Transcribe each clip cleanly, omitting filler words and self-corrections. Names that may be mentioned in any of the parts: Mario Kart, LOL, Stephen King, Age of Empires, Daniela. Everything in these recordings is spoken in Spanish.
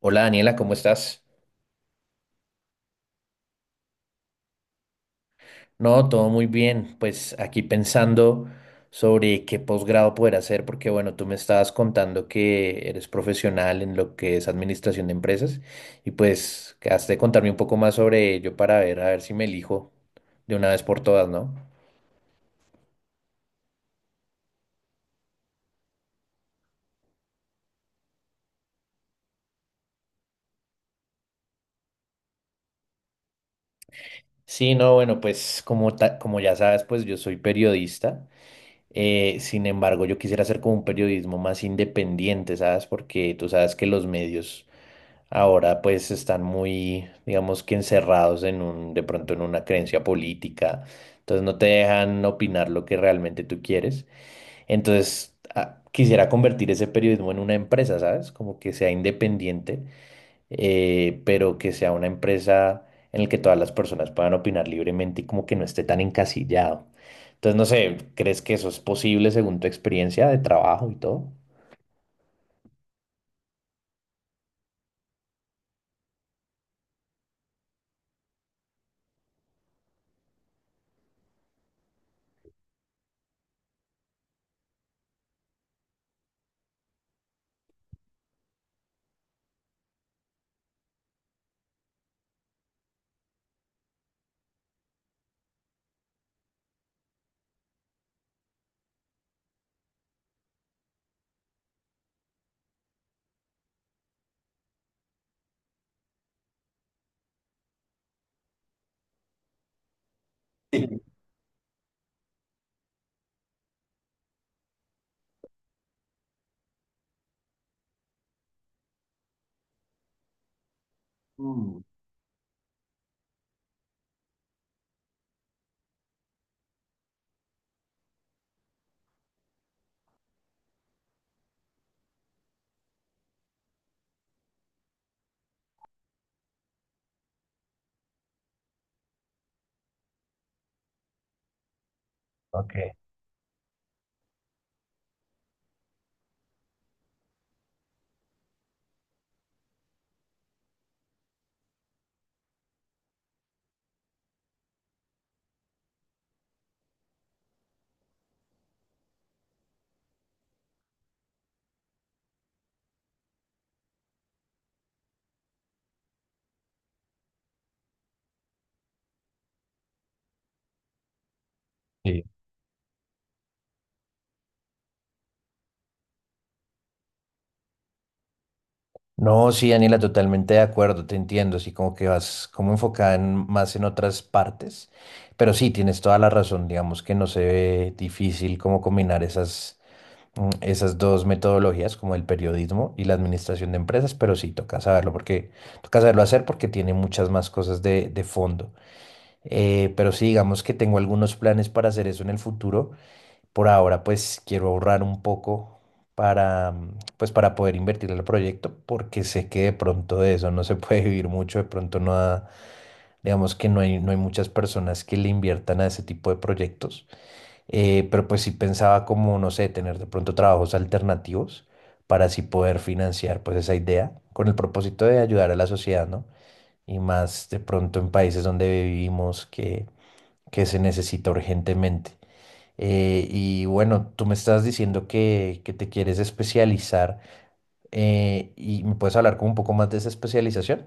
Hola Daniela, ¿cómo estás? No, todo muy bien. Pues aquí pensando sobre qué posgrado poder hacer, porque bueno, tú me estabas contando que eres profesional en lo que es administración de empresas y pues has de contarme un poco más sobre ello para ver, a ver si me elijo de una vez por todas, ¿no? Sí, no, bueno, pues como, como ya sabes, pues yo soy periodista. Sin embargo, yo quisiera hacer como un periodismo más independiente, ¿sabes? Porque tú sabes que los medios ahora pues están muy, digamos que encerrados en un, de pronto en una creencia política, entonces no te dejan opinar lo que realmente tú quieres. Entonces quisiera convertir ese periodismo en una empresa, ¿sabes? Como que sea independiente, pero que sea una empresa en la que todas las personas puedan opinar libremente y como que no esté tan encasillado. Entonces no sé, ¿crees que eso es posible según tu experiencia de trabajo y todo? Mm, ok. Sí. No, sí, Daniela, totalmente de acuerdo, te entiendo, así como que vas como enfocada en- más en otras partes, pero sí, tienes toda la razón, digamos que no se ve difícil como combinar esas, esas dos metodologías, como el periodismo y la administración de empresas, pero sí, toca saberlo porque, toca saberlo hacer porque tiene muchas más cosas de fondo. Pero sí, digamos que tengo algunos planes para hacer eso en el futuro. Por ahora, pues quiero ahorrar un poco para, para poder invertir en el proyecto, porque sé que de pronto de eso no se puede vivir mucho, de pronto digamos que no hay muchas personas que le inviertan a ese tipo de proyectos. Pero pues sí pensaba como, no sé, tener de pronto trabajos alternativos para así poder financiar pues esa idea con el propósito de ayudar a la sociedad, ¿no? Y más de pronto en países donde vivimos que se necesita urgentemente. Y bueno, tú me estás diciendo que te quieres especializar, y me puedes hablar como un poco más de esa especialización.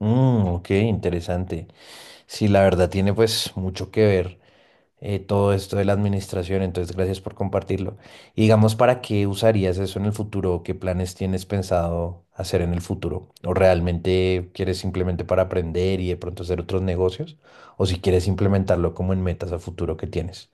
Mm, ok, interesante. Sí, la verdad tiene pues mucho que ver, todo esto de la administración, entonces gracias por compartirlo. Y digamos, ¿para qué usarías eso en el futuro? O ¿qué planes tienes pensado hacer en el futuro? ¿O realmente quieres simplemente para aprender y de pronto hacer otros negocios? ¿O si quieres implementarlo como en metas a futuro que tienes?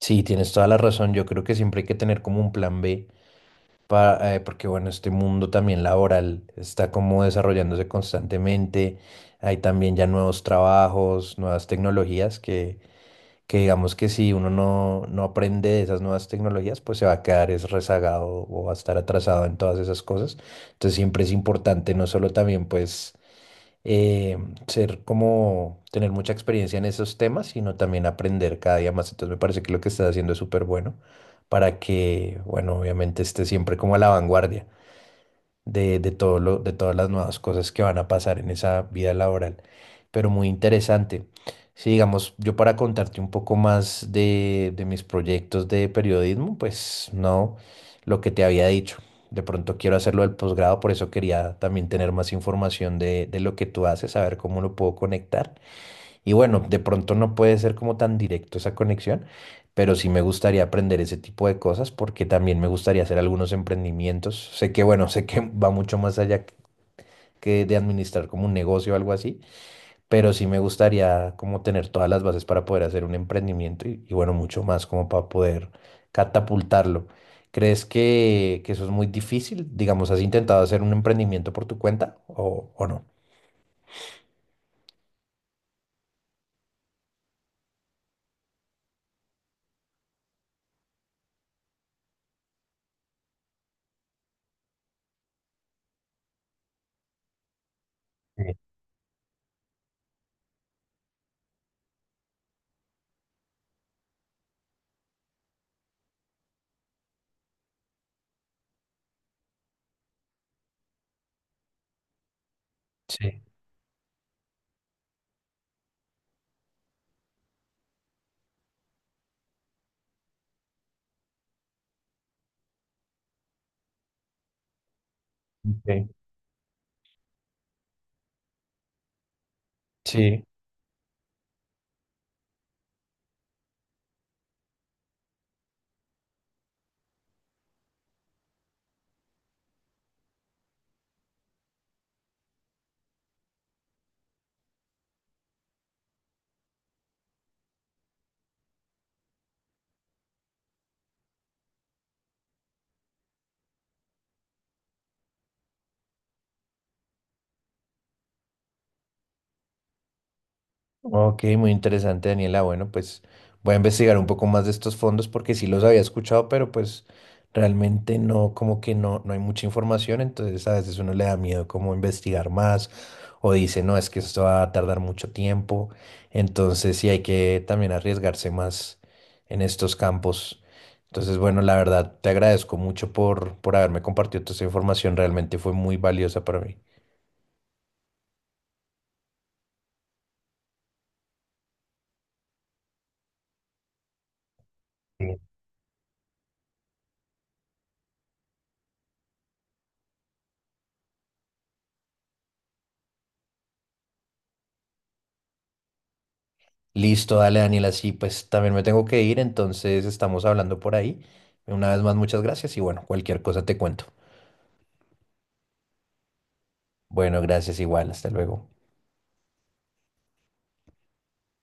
Sí, tienes toda la razón. Yo creo que siempre hay que tener como un plan B para, porque bueno, este mundo también laboral está como desarrollándose constantemente. Hay también ya nuevos trabajos, nuevas tecnologías que digamos que si uno no aprende de esas nuevas tecnologías, pues se va a quedar es rezagado o va a estar atrasado en todas esas cosas. Entonces siempre es importante no solo también pues, eh, ser como tener mucha experiencia en esos temas, sino también aprender cada día más. Entonces me parece que lo que estás haciendo es súper bueno para que, bueno, obviamente estés siempre como a la vanguardia de todo de todas las nuevas cosas que van a pasar en esa vida laboral, pero muy interesante. Sí, digamos, yo para contarte un poco más de mis proyectos de periodismo, pues no, lo que te había dicho. De pronto quiero hacerlo del posgrado, por eso quería también tener más información de lo que tú haces, saber cómo lo puedo conectar. Y bueno, de pronto no puede ser como tan directo esa conexión, pero sí me gustaría aprender ese tipo de cosas porque también me gustaría hacer algunos emprendimientos. Sé que, bueno, sé que va mucho más allá que de administrar como un negocio o algo así, pero sí me gustaría como tener todas las bases para poder hacer un emprendimiento y bueno, mucho más como para poder catapultarlo. ¿Crees que eso es muy difícil? Digamos, ¿has intentado hacer un emprendimiento por tu cuenta o no? Sí, sí, ok, sí. Ok, muy interesante, Daniela. Bueno, pues voy a investigar un poco más de estos fondos porque sí los había escuchado, pero pues realmente no, como que no hay mucha información, entonces a veces uno le da miedo como investigar más o dice, no, es que esto va a tardar mucho tiempo, entonces sí hay que también arriesgarse más en estos campos. Entonces, bueno, la verdad, te agradezco mucho por haberme compartido toda esta información, realmente fue muy valiosa para mí. Listo, dale Daniel, así pues también me tengo que ir, entonces estamos hablando por ahí. Una vez más, muchas gracias y bueno, cualquier cosa te cuento. Bueno, gracias igual, hasta luego.